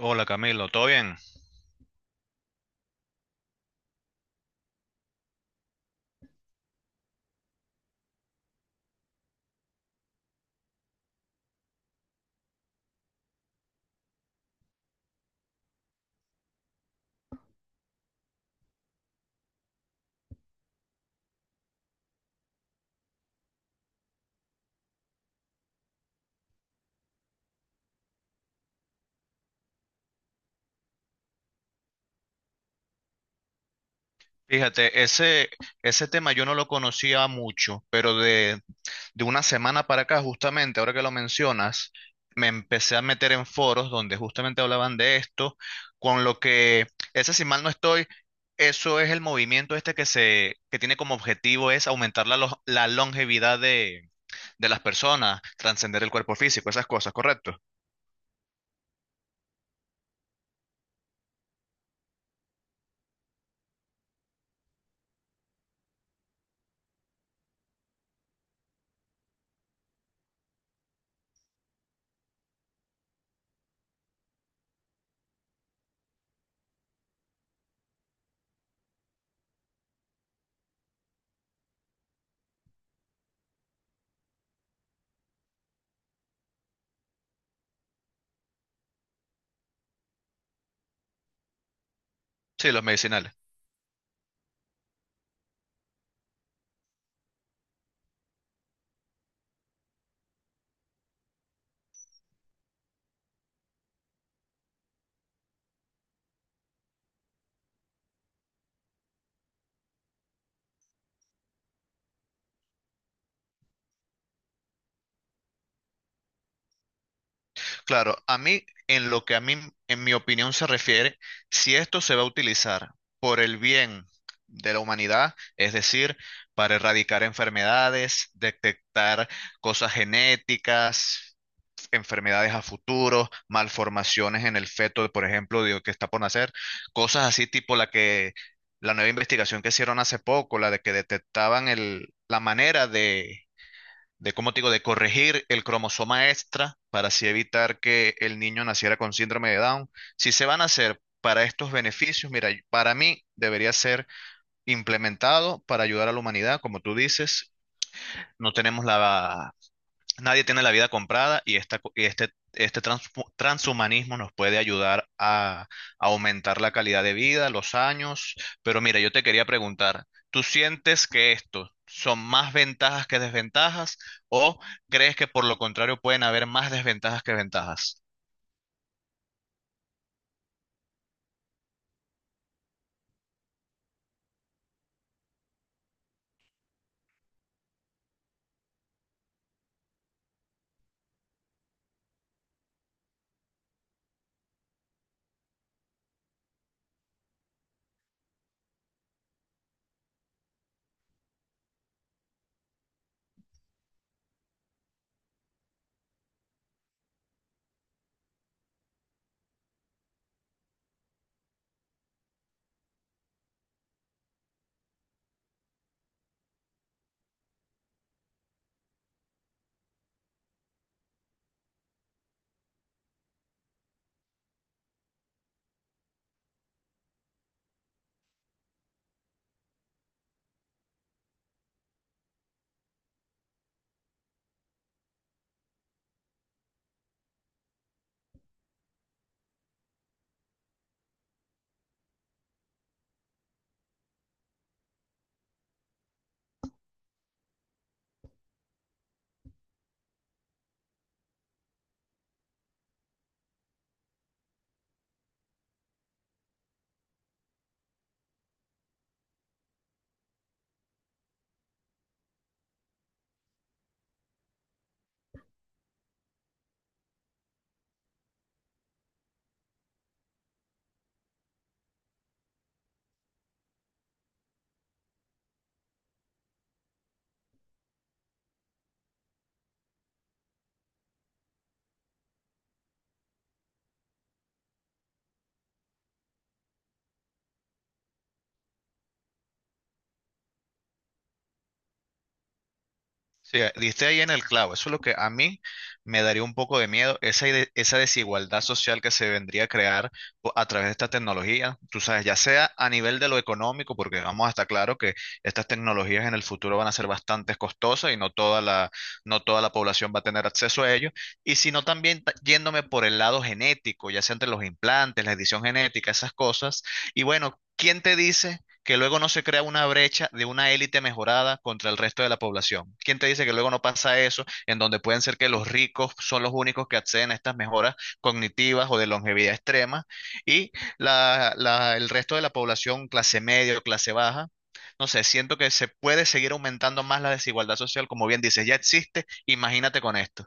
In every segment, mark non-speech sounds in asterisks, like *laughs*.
Hola Camilo, ¿todo bien? Fíjate, ese tema yo no lo conocía mucho, pero de una semana para acá, justamente, ahora que lo mencionas, me empecé a meter en foros donde justamente hablaban de esto, con lo que, ese si mal no estoy, eso es el movimiento este que tiene como objetivo es aumentar la longevidad de las personas, trascender el cuerpo físico, esas cosas, ¿correcto? Sí, los medicinales. Claro, a mí, en lo que a mí, en mi opinión se refiere, si esto se va a utilizar por el bien de la humanidad, es decir, para erradicar enfermedades, detectar cosas genéticas, enfermedades a futuro, malformaciones en el feto, por ejemplo, que está por nacer, cosas así tipo la nueva investigación que hicieron hace poco, la de que detectaban la manera de cómo te digo, de corregir el cromosoma extra para así evitar que el niño naciera con síndrome de Down. Si se van a hacer para estos beneficios, mira, para mí debería ser implementado para ayudar a la humanidad, como tú dices. No tenemos la, Nadie tiene la vida comprada y, esta, co- y este transhumanismo nos puede ayudar a aumentar la calidad de vida, los años. Pero mira, yo te quería preguntar, ¿tú sientes que esto son más ventajas que desventajas o crees que por lo contrario pueden haber más desventajas que ventajas? Sí, diste ahí en el clavo. Eso es lo que a mí me daría un poco de miedo, esa desigualdad social que se vendría a crear a través de esta tecnología. Tú sabes, ya sea a nivel de lo económico, porque vamos a estar claro que estas tecnologías en el futuro van a ser bastante costosas y no toda la población va a tener acceso a ello. Y sino también yéndome por el lado genético, ya sea entre los implantes, la edición genética, esas cosas. Y bueno, ¿quién te dice que luego no se crea una brecha de una élite mejorada contra el resto de la población? ¿Quién te dice que luego no pasa eso, en donde pueden ser que los ricos son los únicos que acceden a estas mejoras cognitivas o de longevidad extrema y el resto de la población, clase media o clase baja? No sé, siento que se puede seguir aumentando más la desigualdad social, como bien dices, ya existe, imagínate con esto.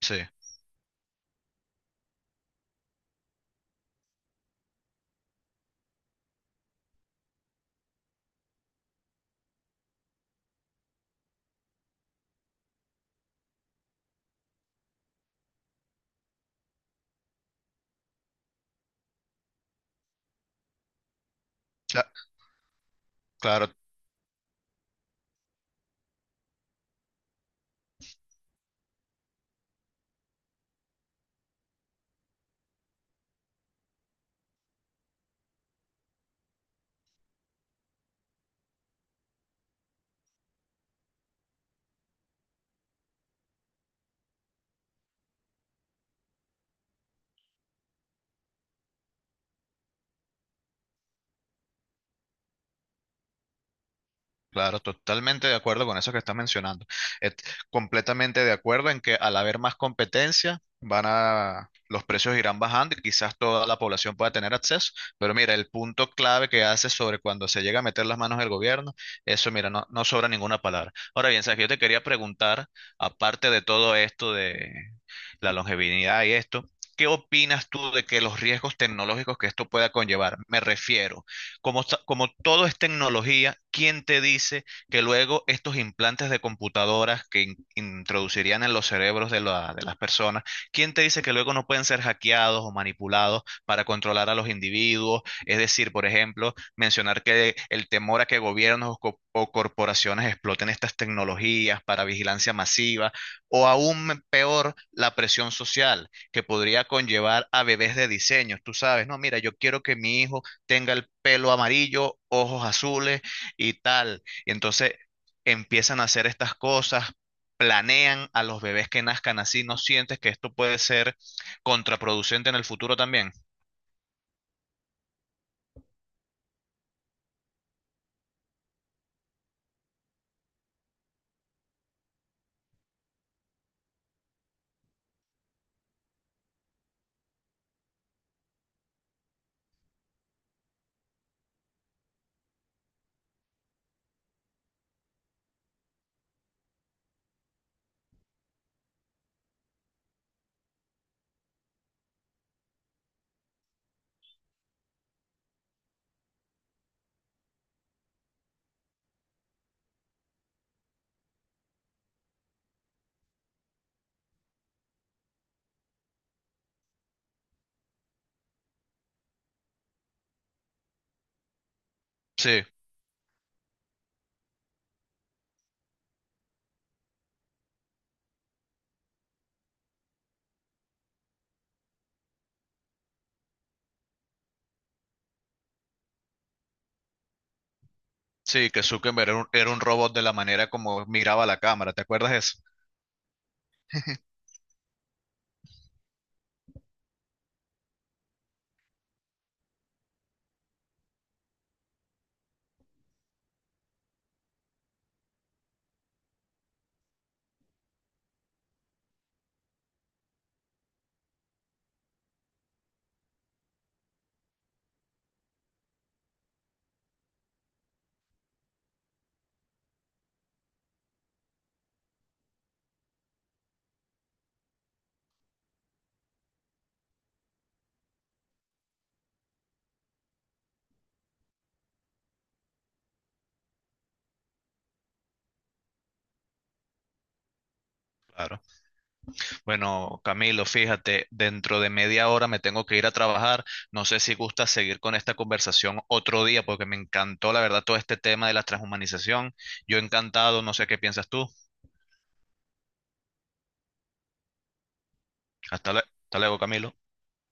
Sí, cla- claro. Claro, totalmente de acuerdo con eso que estás mencionando. Et- Completamente de acuerdo en que al haber más competencia, los precios irán bajando y quizás toda la población pueda tener acceso. Pero mira, el punto clave que hace sobre cuando se llega a meter las manos del gobierno, eso mira, no, no sobra ninguna palabra. Ahora bien, Sergio, yo te quería preguntar, aparte de todo esto de la longevidad y esto, ¿qué opinas tú de que los riesgos tecnológicos que esto pueda conllevar? Me refiero. Como todo es tecnología, ¿quién te dice que luego estos implantes de computadoras que introducirían en los cerebros de las personas, quién te dice que luego no pueden ser hackeados o manipulados para controlar a los individuos? Es decir, por ejemplo, mencionar que el temor a que gobiernos o corporaciones exploten estas tecnologías para vigilancia masiva, o aún peor, la presión social que podría conllevar a bebés de diseño. Tú sabes, no, mira, yo quiero que mi hijo tenga el pelo amarillo, ojos azules y tal. Y entonces empiezan a hacer estas cosas, planean a los bebés que nazcan así. ¿No sientes que esto puede ser contraproducente en el futuro también? Sí, sí, que Zuckerberg era era un robot de la manera como miraba la cámara. ¿Te acuerdas de eso? *laughs* Claro. Bueno, Camilo, fíjate, dentro de media hora me tengo que ir a trabajar. No sé si gusta seguir con esta conversación otro día, porque me encantó, la verdad, todo este tema de la transhumanización. Yo encantado, no sé qué piensas tú. Hasta luego, Camilo.